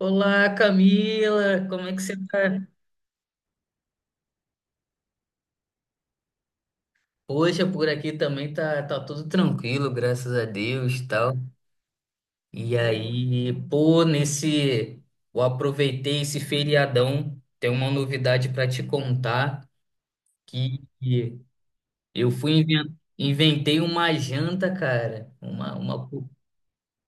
Olá, Camila, como é que você tá? Poxa, por aqui também tá tudo tranquilo, graças a Deus, tal. E aí, pô, nesse, eu aproveitei esse feriadão, tem uma novidade para te contar que eu inventei uma janta, cara, uma, uma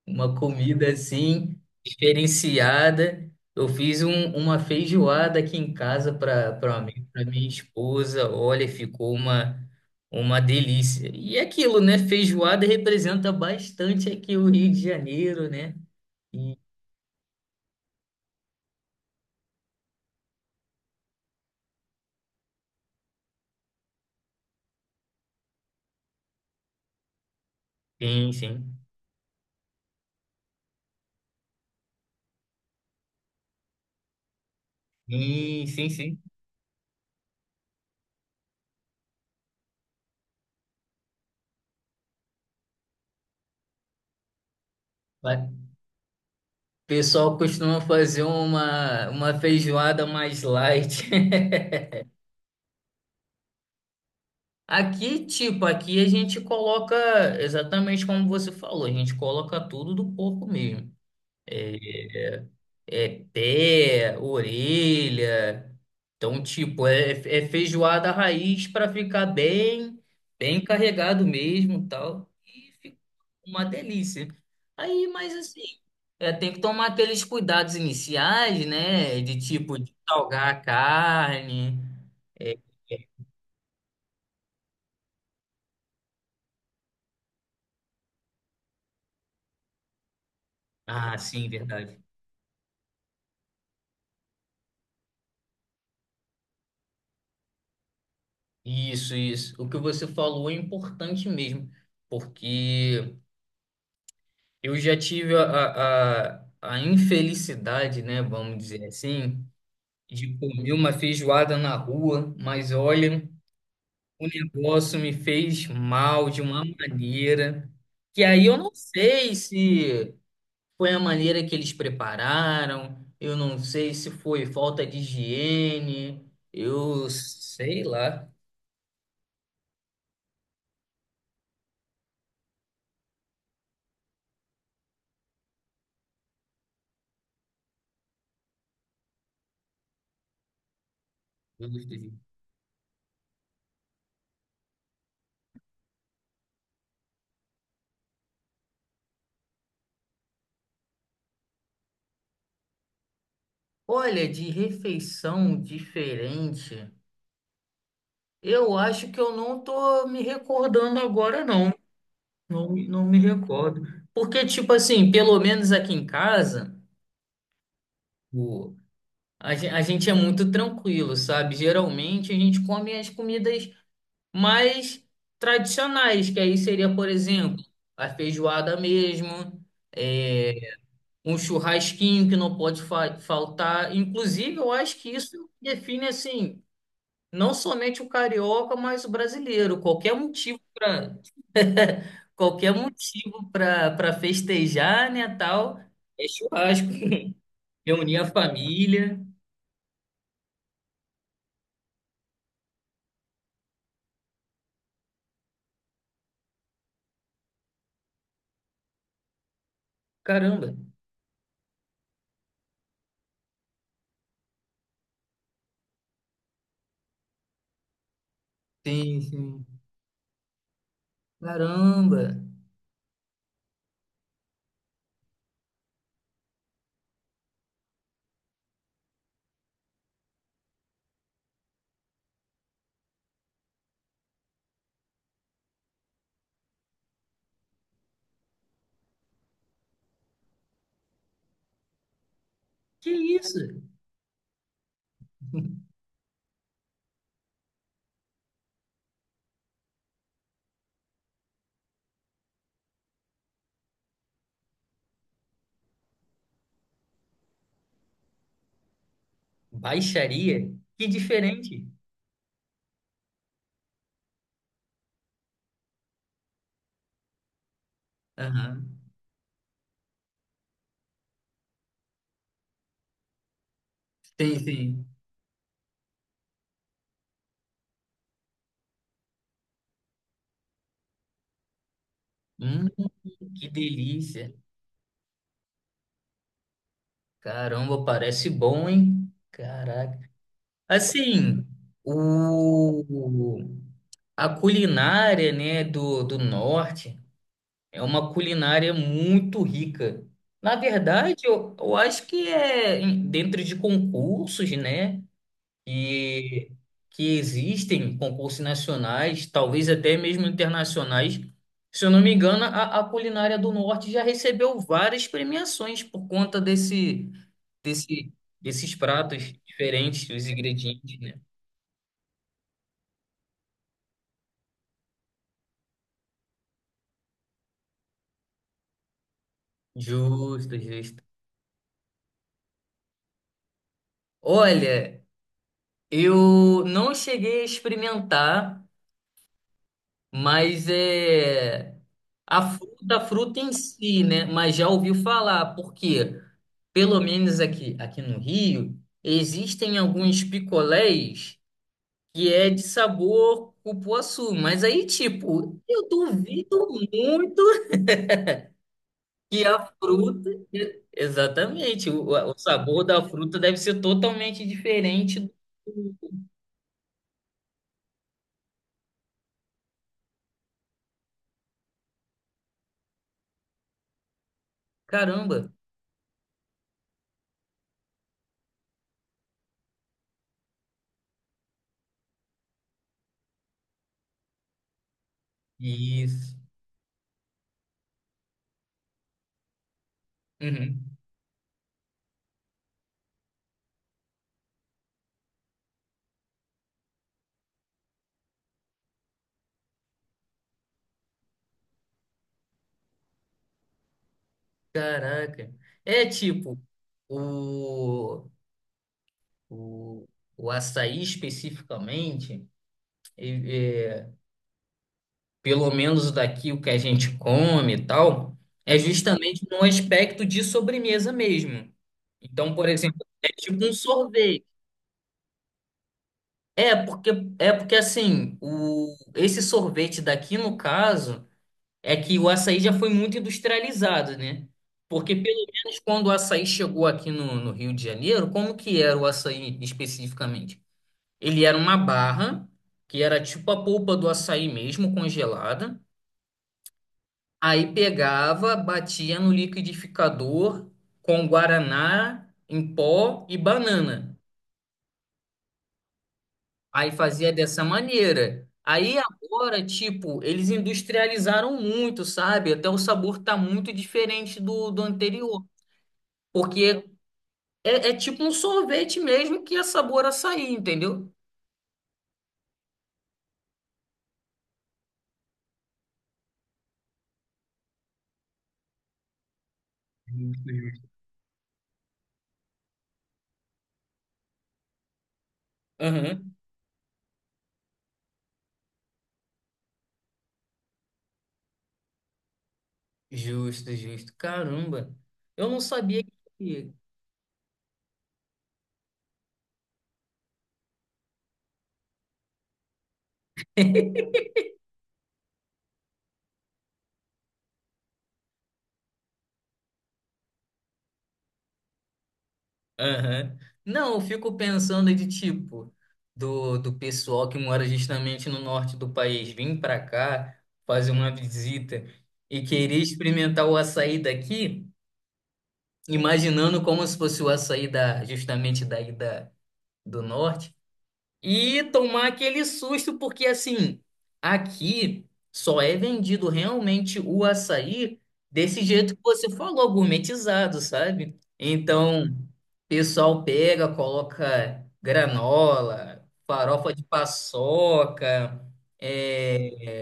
uma comida assim diferenciada. Eu fiz uma feijoada aqui em casa para mim, para minha esposa. Olha, ficou uma delícia. E é aquilo, né? Feijoada representa bastante aqui o Rio de Janeiro, né? E- sim, sim. Sim, sim, sim. Vai. O pessoal costuma fazer uma feijoada mais light. Aqui, tipo, aqui a gente coloca exatamente como você falou, a gente coloca tudo do corpo mesmo. É, pé, orelha. Então, tipo, é feijoada raiz para ficar bem, bem carregado mesmo, tal. E fica uma delícia. Aí, mas assim, é, tem que tomar aqueles cuidados iniciais, né? De tipo, de salgar a carne. É. Ah, sim, verdade. Isso, isso. O que você falou é importante mesmo, porque eu já tive a infelicidade, né, vamos dizer assim, de comer uma feijoada na rua, mas olha, o negócio me fez mal de uma maneira que aí eu não sei se foi a maneira que eles prepararam, eu não sei se foi falta de higiene, eu sei lá. Olha, de refeição diferente, eu acho que eu não tô me recordando agora, não. Não, não me recordo. Porque, tipo assim, pelo menos aqui em casa, o, a gente é muito tranquilo, sabe? Geralmente a gente come as comidas mais tradicionais, que aí seria, por exemplo, a feijoada mesmo, é, um churrasquinho que não pode faltar. Inclusive, eu acho que isso define, assim. Não somente o carioca, mas o brasileiro. Qualquer motivo para festejar, né, tal, é churrasco. Reunir a família. Caramba. Sim, sim. Caramba. Que isso? Baixaria? Que diferente. Aham. Sim, sim. Hum, que delícia. Caramba, parece bom, hein? Caraca. Assim, o. A culinária, né, do norte é uma culinária muito rica. Na verdade, eu acho que é dentro de concursos, né, que, que existem, concursos nacionais, talvez até mesmo internacionais. Se eu não me engano, a culinária do norte já recebeu várias premiações por conta desse, desse, desses pratos diferentes, dos ingredientes, né? Justo, justo. Olha. Eu não cheguei a experimentar, mas é a fruta em si, né? Mas já ouvi falar, porque pelo menos aqui no Rio, existem alguns picolés que é de sabor cupuaçu, mas aí, tipo, eu duvido muito que a fruta. Exatamente, o sabor da fruta deve ser totalmente diferente do caramba. Isso. Uhum. Caraca. É tipo, o, o, o açaí especificamente, e- é, pelo menos daqui o que a gente come e tal, é justamente no aspecto de sobremesa mesmo. Então, por exemplo, é tipo um sorvete. É porque, é porque assim, o, esse sorvete daqui, no caso. É que o açaí já foi muito industrializado, né? Porque pelo menos quando o açaí chegou aqui no Rio de Janeiro, como que era o açaí especificamente? Ele era uma barra, que era tipo a polpa do açaí mesmo, congelada. Aí pegava, batia no liquidificador com guaraná em pó e banana. Aí fazia dessa maneira. Aí agora, tipo, eles industrializaram muito, sabe? Até o sabor tá muito diferente do, do anterior. Porque é, é tipo um sorvete mesmo que é sabor açaí, entendeu? Aham. Justo, justo. Caramba. Eu não sabia que. Aham. Não, eu fico pensando de tipo, do pessoal que mora justamente no norte do país vir para cá fazer uma visita e querer experimentar o açaí daqui, imaginando como se fosse o açaí da, justamente daí da, do norte. E tomar aquele susto, porque assim, aqui só é vendido realmente o açaí desse jeito que você falou, gourmetizado, sabe? Então, o pessoal pega, coloca granola, farofa de paçoca, é,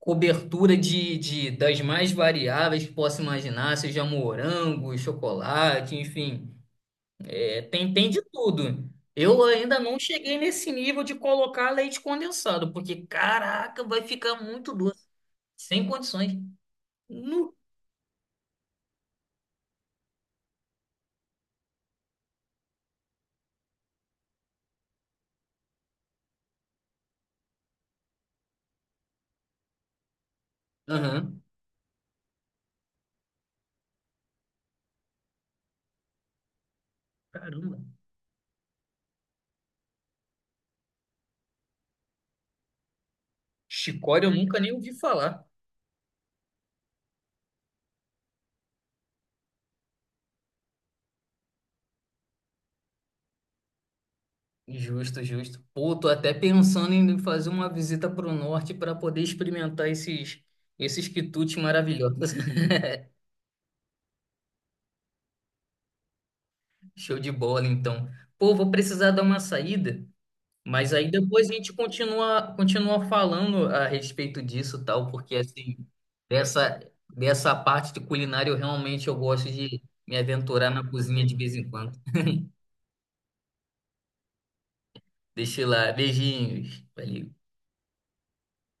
cobertura de, das mais variáveis que possa imaginar, seja morango, chocolate, enfim. É, tem, tem de tudo. Eu ainda não cheguei nesse nível de colocar leite condensado, porque caraca, vai ficar muito doce, sem condições. Nu. Aham. Caramba. Chicória eu nunca nem ouvi falar. Justo, justo. Pô, tô até pensando em fazer uma visita pro norte para poder experimentar esses quitutes maravilhosos. Show de bola, então. Pô, vou precisar dar uma saída. Mas aí depois a gente continua falando a respeito disso, tal, porque assim, dessa, dessa parte de culinária eu gosto de me aventurar na cozinha de vez em quando. Deixa eu lá, beijinhos. Valeu.